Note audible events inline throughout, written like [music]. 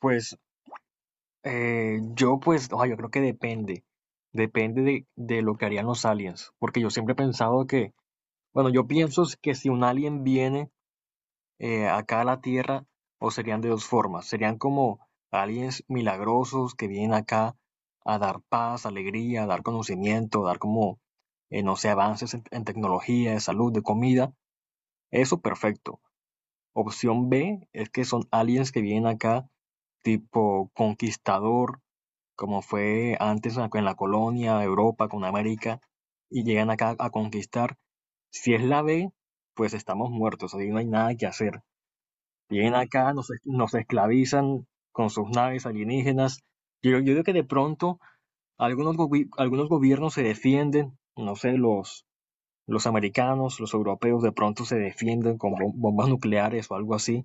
Pues yo pues, o sea, yo creo que depende, depende de lo que harían los aliens, porque yo siempre he pensado que, bueno, yo pienso es que si un alien viene acá a la Tierra, o serían de dos formas, serían como aliens milagrosos que vienen acá a dar paz, alegría, a dar conocimiento, a dar como, no sé, avances en tecnología, de salud, de comida, eso perfecto. Opción B es que son aliens que vienen acá tipo conquistador como fue antes en en la colonia, Europa, con América, y llegan acá a conquistar. Si es la B, pues estamos muertos, ahí no hay nada que hacer. Vienen acá, nos, nos esclavizan con sus naves alienígenas. Yo digo que de pronto algunos, algunos gobiernos se defienden, no sé, los americanos, los europeos de pronto se defienden con bombas nucleares o algo así,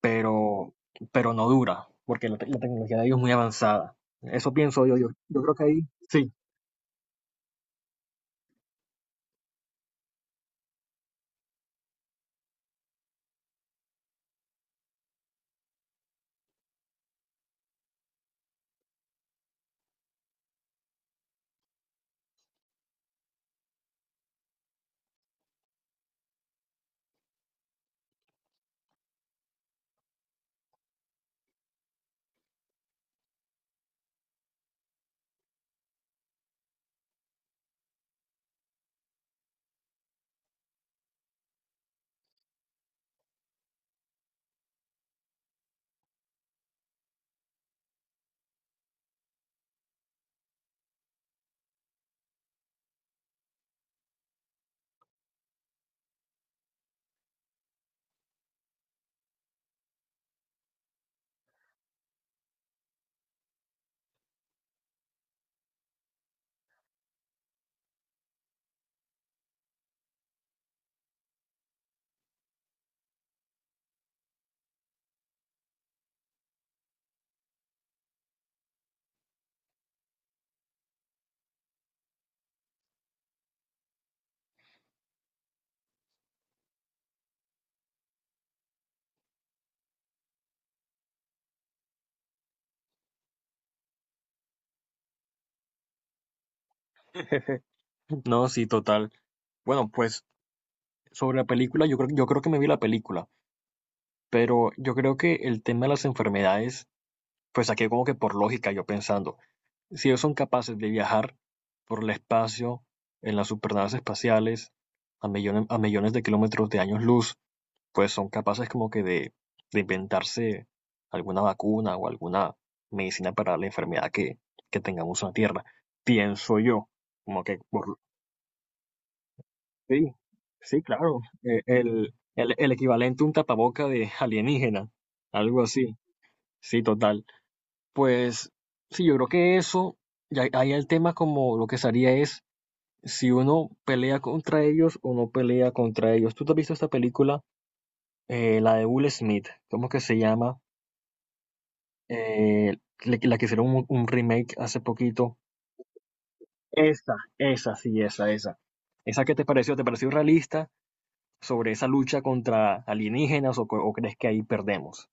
pero, pero no dura, porque la, la tecnología de ellos es muy avanzada. Eso pienso yo, yo, yo creo que ahí. Sí, no, sí, total. Bueno, pues sobre la película, yo creo que me vi la película, pero yo creo que el tema de las enfermedades, pues aquí como que por lógica yo pensando, si ellos son capaces de viajar por el espacio, en las supernaves espaciales, a millones de kilómetros de años luz, pues son capaces como que de inventarse alguna vacuna o alguna medicina para la enfermedad que tengamos en la Tierra. Pienso yo, como que por... Sí, sí, claro. El equivalente a un tapaboca de [laughs] alienígena, algo así. Sí, total. Pues sí, yo creo que eso, ya ahí el tema como lo que sería es si uno pelea contra ellos o no pelea contra ellos. ¿Tú te has visto esta película, la de Will Smith? ¿Cómo que se llama? eh, la que hicieron un remake hace poquito. Esa, sí, esa, esa. ¿Esa qué te pareció? ¿Te pareció realista sobre esa lucha contra alienígenas o, o crees que ahí perdemos?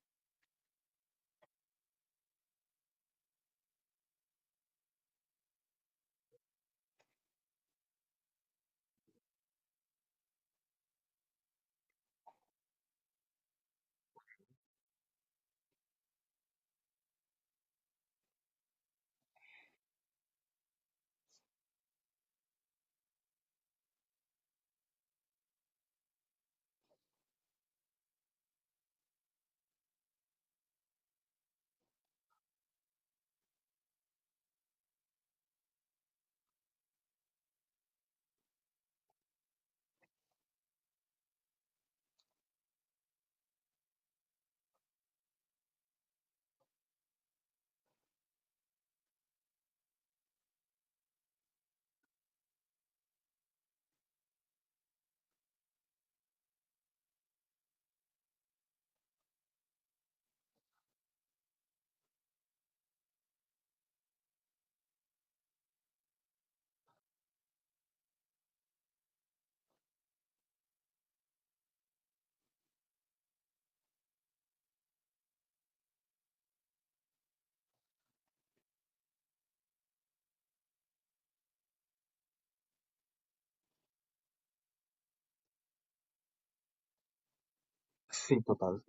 Sí, total.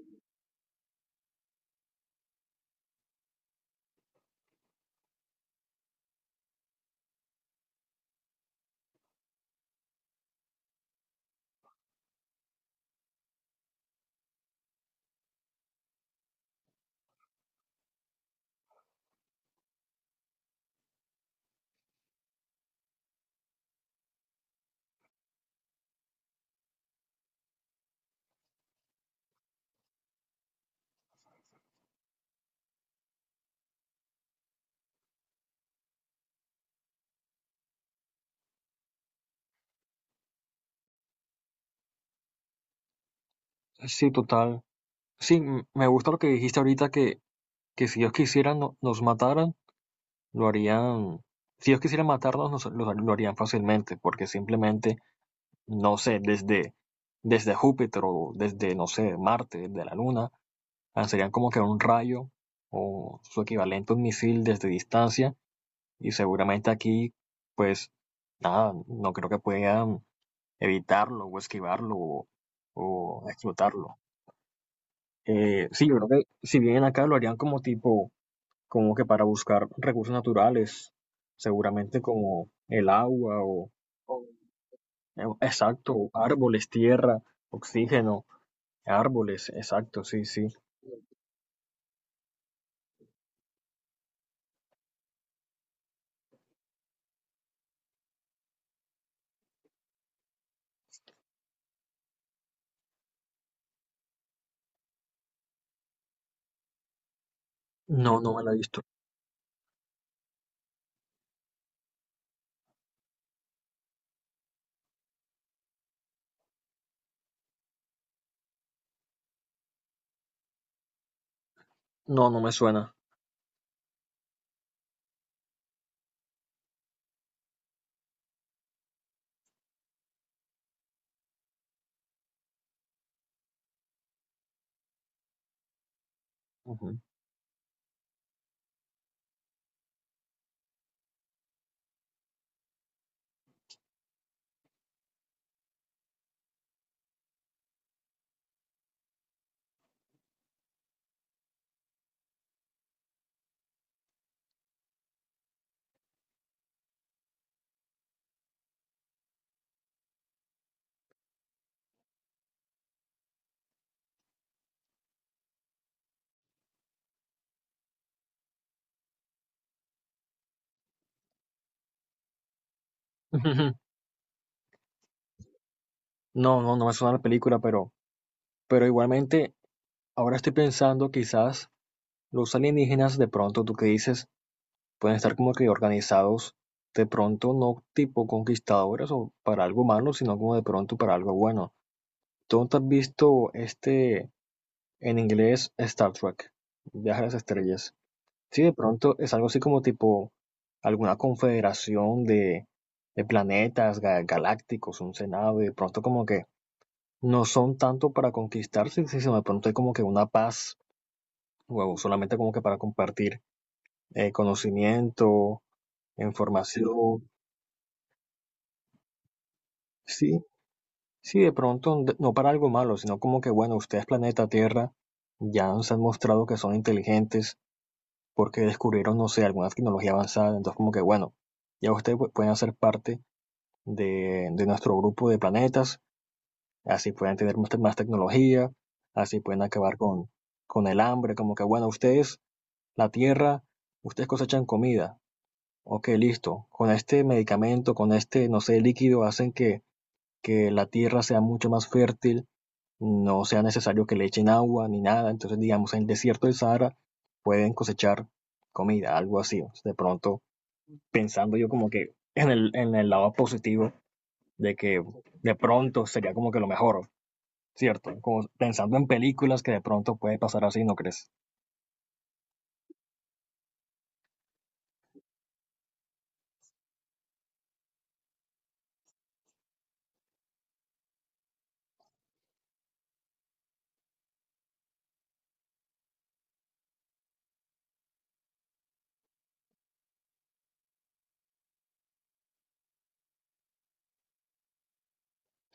Sí, total. Sí, me gusta lo que dijiste ahorita que si ellos quisieran nos mataran, lo harían. Si ellos quisieran matarnos, lo harían fácilmente, porque simplemente, no sé, desde, desde Júpiter o desde, no sé, Marte, desde la Luna, lanzarían como que un rayo o su equivalente a un misil desde distancia y seguramente aquí, pues nada, no creo que puedan evitarlo o esquivarlo o explotarlo. Sí, yo creo que si vienen acá lo harían como tipo, como que para buscar recursos naturales, seguramente como el agua o, o- exacto, o árboles, tierra, oxígeno, árboles, exacto, sí, sí. No, no me la he visto. No, no me suena. Ujú. Ujú. No, no, no me suena la película, pero igualmente, ahora estoy pensando, quizás los alienígenas, de pronto, tú que dices, pueden estar como que organizados, de pronto no tipo conquistadores o para algo malo, sino como de pronto para algo bueno. ¿Tú no te has visto este, en inglés, Star Trek, Viaje a las Estrellas? Sí, de pronto es algo así como tipo alguna confederación de planetas galácticos, un senado, y de pronto como que no son tanto para conquistarse, sino de pronto hay como que una paz, o solamente como que para compartir conocimiento, información. Sí, sí, de pronto, no para algo malo, sino como que, bueno, ustedes, planeta Tierra, ya nos han mostrado que son inteligentes porque descubrieron, no sé, alguna tecnología avanzada. Entonces, como que, bueno, ya ustedes pueden hacer parte de nuestro grupo de planetas, así pueden tener más, más tecnología, así pueden acabar con el hambre, como que, bueno, ustedes la tierra, ustedes cosechan comida. Ok, listo. Con este medicamento, con este, no sé, líquido, hacen que la tierra sea mucho más fértil, no sea necesario que le echen agua ni nada. Entonces, digamos, en el desierto del Sahara pueden cosechar comida, algo así. De pronto, pensando yo como que en el lado positivo de que de pronto sería como que lo mejor, ¿cierto? Como pensando en películas que de pronto puede pasar así, ¿no crees?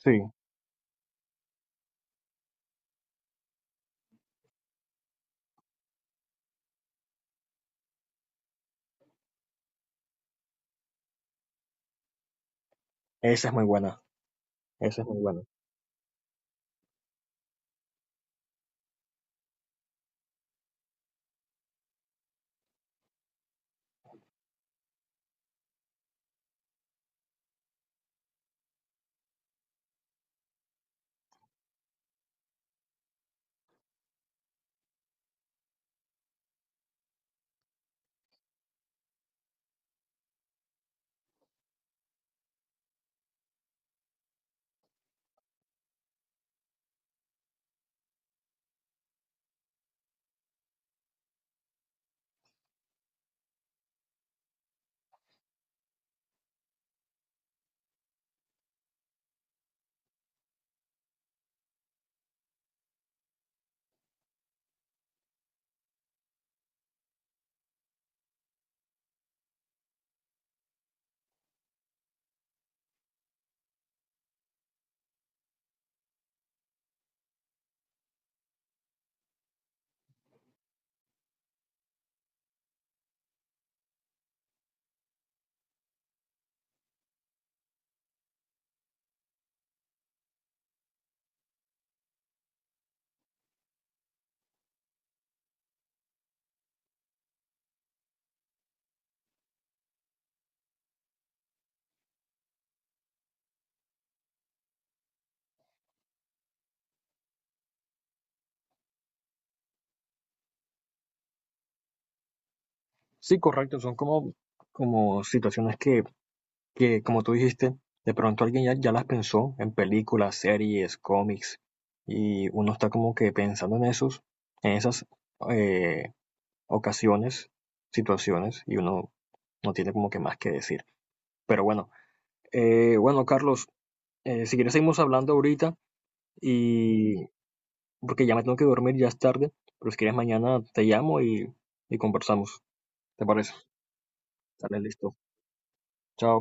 Sí, esa es muy buena, esa es muy buena. Sí, correcto, son como, como situaciones que, como tú dijiste, de pronto alguien ya, ya las pensó en películas, series, cómics, y uno está como que pensando en esos, en esas eh, ocasiones, situaciones, y uno no tiene como que más que decir. Pero bueno, bueno, Carlos, si quieres seguimos hablando ahorita, y porque ya me tengo que dormir, ya es tarde, pero si quieres mañana te llamo y conversamos, ¿te parece? Dale, listo. Chao.